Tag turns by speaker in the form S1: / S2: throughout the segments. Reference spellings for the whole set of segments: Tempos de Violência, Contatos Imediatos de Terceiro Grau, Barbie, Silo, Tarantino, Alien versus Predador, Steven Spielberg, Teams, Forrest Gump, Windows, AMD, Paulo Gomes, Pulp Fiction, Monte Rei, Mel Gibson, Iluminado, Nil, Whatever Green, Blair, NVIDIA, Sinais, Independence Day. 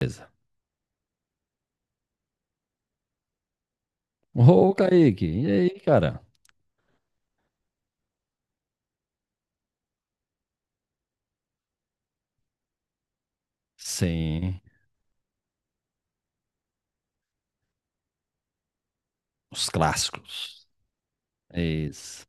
S1: Beleza. Ô, Kaique, e aí, cara? Sim, os clássicos. É isso.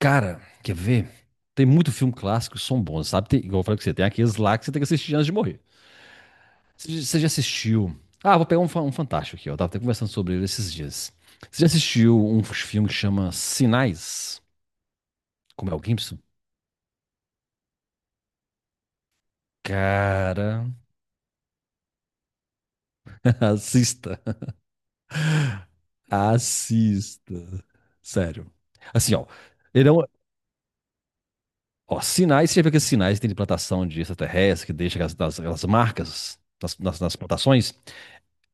S1: Cara, quer ver? Tem muito filme clássico que são bons, sabe? Tem, igual eu falei com você, tem aqueles lá que você tem que assistir antes de morrer. Você já assistiu? Ah, vou pegar um fantástico aqui, ó. Eu tava até conversando sobre ele esses dias. Você já assistiu um filme que chama Sinais, com Mel Gibson? Cara, assista. Assista. Sério. Assim, ó. Ele é um. Ó, sinais, você já viu que sinais que tem de plantação de extraterrestre, que deixa aquelas, aquelas marcas nas plantações?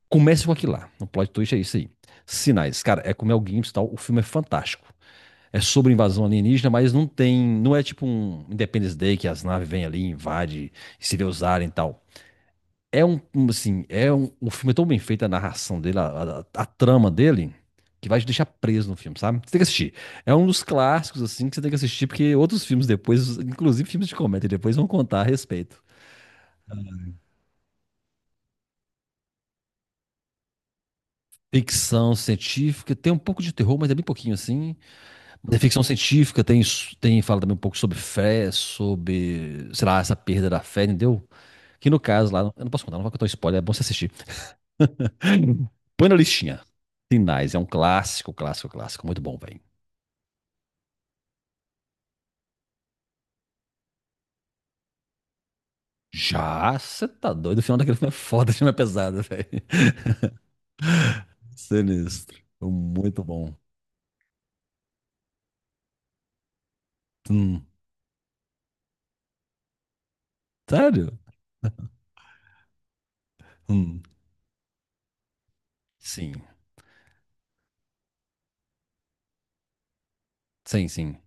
S1: Comece com aquilo lá. O plot twist é isso aí. Sinais. Cara, é com o Mel Gibson e tal. O filme é fantástico. É sobre invasão alienígena, mas não tem. Não é tipo um Independence Day que as naves vêm ali, invadem, e se vê usarem e tal. É um, assim, o filme é tão bem feito, a narração dele, a trama dele, que vai te deixar preso no filme, sabe? Você tem que assistir. É um dos clássicos, assim, que você tem que assistir, porque outros filmes depois, inclusive filmes de comédia, depois vão contar a respeito. Ficção científica, tem um pouco de terror, mas é bem pouquinho, assim. Mas é ficção científica, tem, fala também um pouco sobre fé, sobre, sei lá, essa perda da fé, entendeu? Que no caso lá, eu não posso contar, não vou contar um spoiler, é bom você assistir. Põe na listinha. Sinais, é um clássico, clássico, clássico. Muito bom, velho. Já, você tá doido. O final daquele filme é foda, o filme é pesado, velho. Sinistro. Muito bom. Hum, sério? Hum, sim. Sim, sim.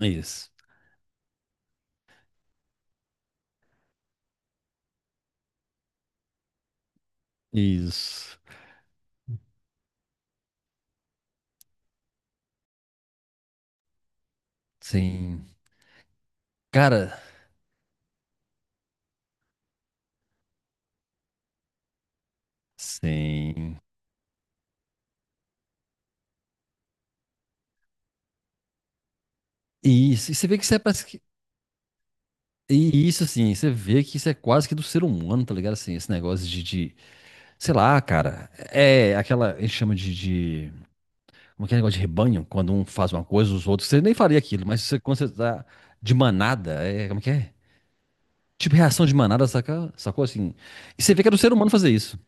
S1: Isso. Isso. Sim. Cara, sim. Isso. E você vê que isso é parece que. E isso, assim, você vê que isso é quase que do ser humano, tá ligado? Assim, esse negócio de. Sei lá, cara, é aquela, a gente chama de, como é que é negócio de rebanho, quando um faz uma coisa, os outros, você nem faria aquilo, mas você, quando você tá de manada, é, como é que é? Tipo reação de manada, saca? Sacou assim? E você vê que é do ser humano fazer isso.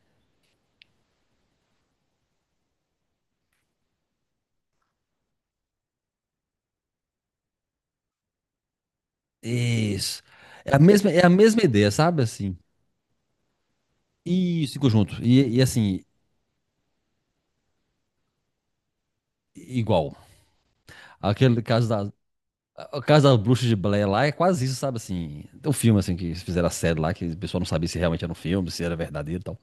S1: Isso. É a mesma ideia, sabe? Assim. Isso, em conjunto. E assim, igual. Aquele caso da. O caso da bruxa de Blair lá é quase isso, sabe? Assim, tem um filme assim que eles fizeram a série lá, que o pessoal não sabia se realmente era um filme, se era verdadeiro e tal.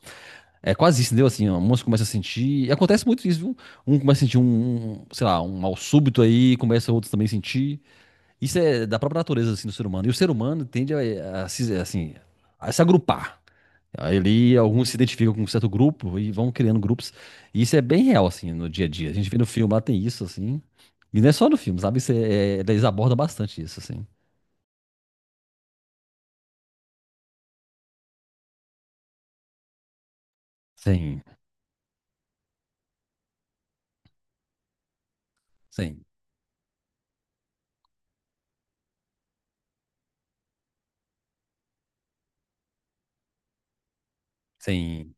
S1: É quase isso, entendeu? Assim, ó, moça começa a sentir. E acontece muito isso, viu? Um começa a sentir um, sei lá, um mal súbito aí, começa outros também a sentir. Isso é da própria natureza assim, do ser humano. E o ser humano tende a se, assim, a se agrupar. Ele, alguns se identificam com um certo grupo e vão criando grupos. E isso é bem real, assim, no dia a dia. A gente vê no filme lá, tem isso, assim. E não é só no filme, sabe? Isso é, eles abordam bastante isso, assim. Sim, sim, sim.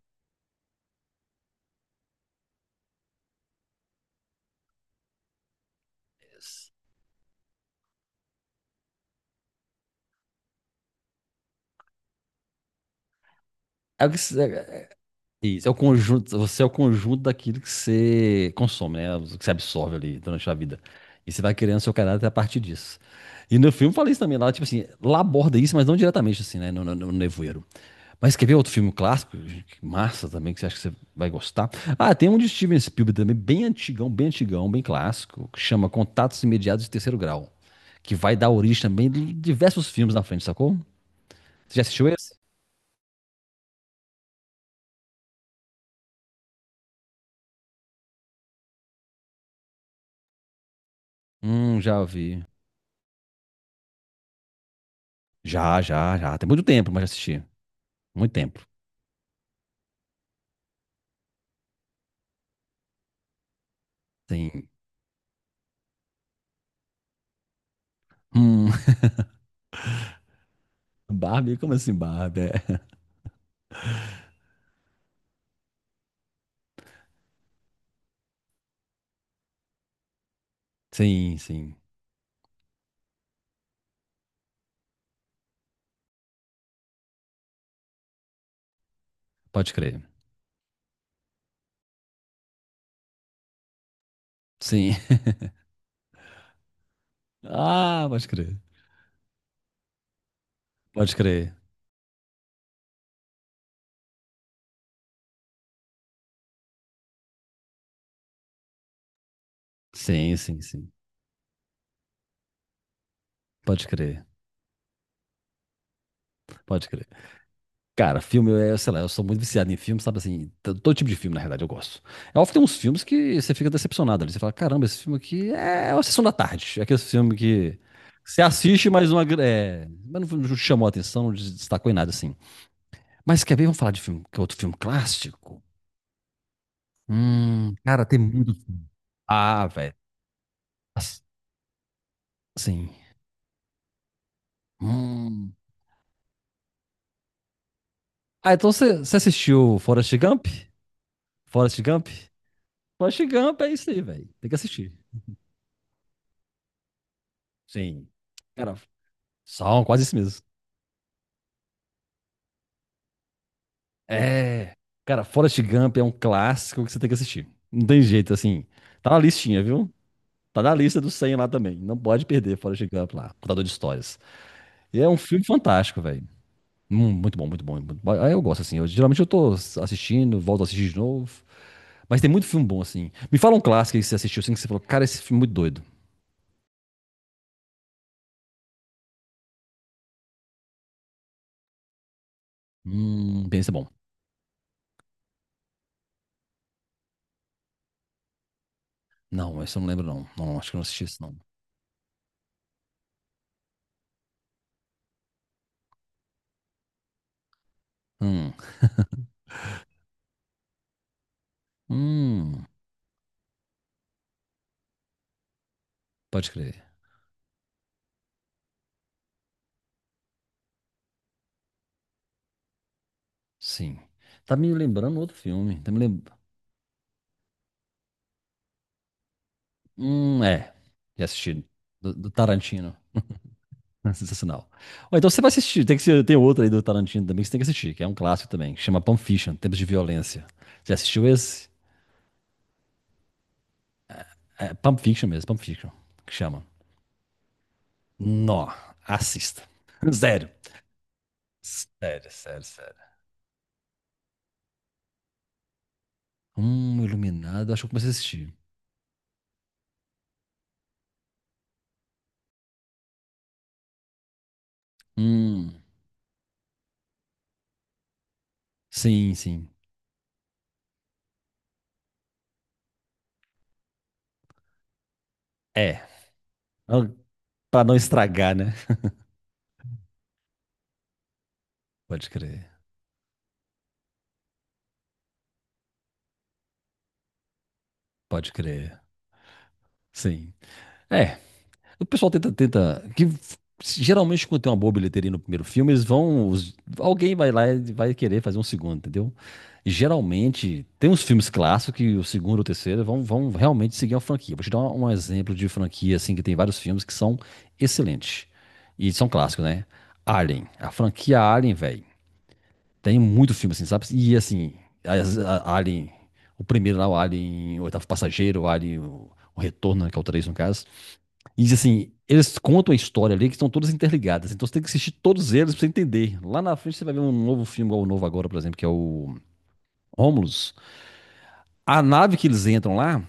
S1: É o que se- é, Isso, é o conjunto, você é o conjunto daquilo que você consome, né? O que você absorve ali durante a vida. E você vai criando seu caráter a partir disso. E no filme eu falei isso também, lá, tipo assim, lá aborda isso, mas não diretamente, assim, né? No nevoeiro. Mas quer ver outro filme clássico? Que massa também, que você acha que você vai gostar. Ah, tem um de Steven Spielberg também, bem antigão, bem antigão, bem clássico, que chama Contatos Imediatos de Terceiro Grau. Que vai dar origem também de diversos filmes na frente, sacou? Você já assistiu esse? Já vi. Já, já, já. Tem muito tempo, mas já assisti. Muito tempo. Sim. Hum. Barbie? Como assim, Barbie? É. Sim, sim. Pode crer. Sim. Ah, pode crer. Pode crer. Sim, sim, sim. Pode crer. Pode crer. Cara, filme, eu, sei lá, eu sou muito viciado em filme, sabe assim? Todo tipo de filme, na realidade, eu gosto. É óbvio que tem uns filmes que você fica decepcionado ali. Você fala, caramba, esse filme aqui é uma sessão da tarde. É aquele filme que você assiste, mas uma. É, mas não te chamou a atenção, não te destacou em nada, assim. Mas quer ver? Vamos falar de filme, que é outro filme clássico. Cara, tem muito. Ah, velho. As- Sim. Hum. Ah, então você assistiu Forrest Gump? Forrest Gump? Forrest Gump é isso aí, velho. Tem que assistir. Sim. Cara, são quase isso mesmo. É. Cara, Forrest Gump é um clássico que você tem que assistir. Não tem jeito, assim. Tá na listinha, viu? Tá na lista do 100 lá também. Não pode perder Forrest Gump lá, contador de histórias. E é um filme fantástico, velho. Muito bom, muito bom. Muito bom. Aí eu gosto, assim. Geralmente eu tô assistindo, volto a assistir de novo. Mas tem muito filme bom, assim. Me fala um clássico aí que você assistiu, assim, que você falou, cara, esse filme é muito doido. Pensa bom. Não, esse eu não lembro, não. Não, acho que eu não assisti isso, não. Hum, hum, pode crer. Sim. Tá me lembrando outro filme. Tá me lembrando. É. Já assisti. Do Tarantino. Sensacional. Ó, então você vai assistir. Tem que ser, tem outro aí do Tarantino também que você tem que assistir, que é um clássico também, que chama Pulp Fiction, Tempos de Violência. Você assistiu esse? É, Pump Fiction mesmo, Pump Fiction, que chama. Nó, assista. Sério. Sério, sério, sério. Iluminado, acho que eu comecei a assistir. Hum, sim, sim. É. Não- Pra não estragar, né? Pode crer, pode crer. Sim. É, o pessoal tenta, tenta, que geralmente quando tem uma boa bilheteria no primeiro filme, eles vão, alguém vai lá e vai querer fazer um segundo, entendeu? Geralmente tem uns filmes clássicos que o segundo ou o terceiro vão realmente seguir a franquia. Vou te dar um exemplo de franquia assim que tem vários filmes que são excelentes e são clássicos, né? Alien, a franquia Alien, velho, tem muito filme assim, sabe? E assim, Alien, o primeiro lá, o Alien, o oitavo passageiro, o Alien, o retorno, né, que é o 3 no caso. E assim, eles contam a história ali que estão todas interligadas. Então você tem que assistir todos eles pra você entender. Lá na frente você vai ver um novo filme, igual o novo agora, por exemplo, que é o Romulus. A nave que eles entram lá,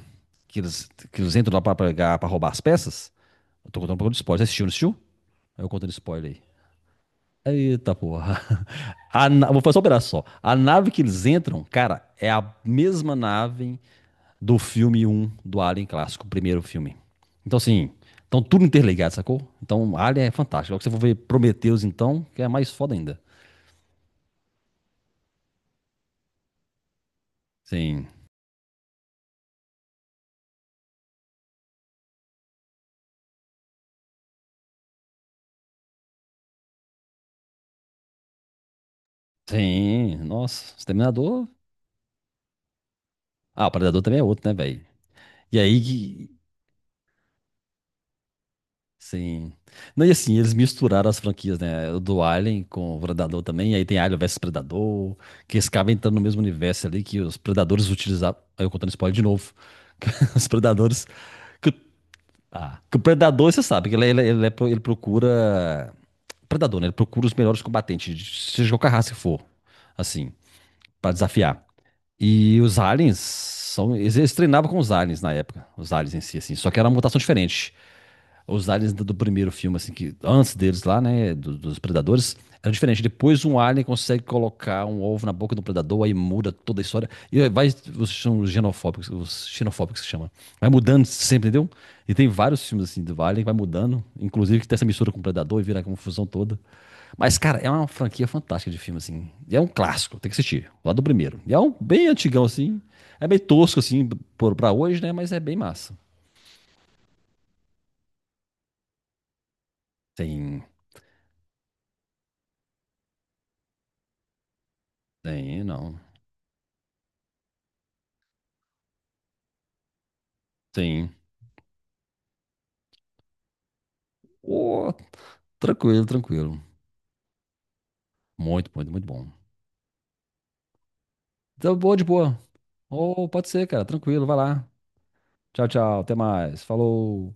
S1: que eles entram lá pra, pegar, pra roubar as peças. Eu tô contando um pouco de spoiler. Você assistiu, não assistiu? Eu contando spoiler aí. Eita porra. Vou fazer só um pedaço só. A nave que eles entram, cara, é a mesma nave do filme um do Alien clássico, o primeiro filme. Então, assim, então tudo interligado, sacou? Então, Alien é fantástico. Logo que você for ver Prometheus, então, que é mais foda ainda. Sim, sim, nossa, Exterminador. Ah, o Predador também é outro, né, velho? E aí que. Sim. Não, e assim, eles misturaram as franquias, né? O do Alien com o Predador também. E aí tem Alien versus Predador, que eles acabam entrando no mesmo universo ali que os Predadores utilizavam. Aí eu contando spoiler de novo. Os Predadores que Ah, que o predador, você sabe, que ele procura. Predador, né? Ele procura os melhores combatentes, seja qualquer raça que for, assim, pra desafiar. E os aliens são. Eles treinavam com os aliens na época, os aliens em si, assim. Só que era uma mutação diferente os aliens do primeiro filme, assim, que antes deles lá, né, dos predadores, era diferente. Depois um alien consegue colocar um ovo na boca do predador, aí muda toda a história. E aí vai, os são os genofóbicos, os xenofóbicos que chama. Vai mudando sempre, entendeu? E tem vários filmes, assim, do alien que vai mudando, inclusive que tem essa mistura com o predador e vira a confusão toda. Mas, cara, é uma franquia fantástica de filme, assim. E é um clássico, tem que assistir, lá do primeiro. E é um bem antigão, assim. É meio tosco, assim, pra hoje, né? Mas é bem massa. Tem, tem, não. Tem. Ô, tranquilo, tranquilo. Muito, muito, muito bom. Tá boa, de boa. Ô, pode ser, cara. Tranquilo, vai lá. Tchau, tchau. Até mais. Falou.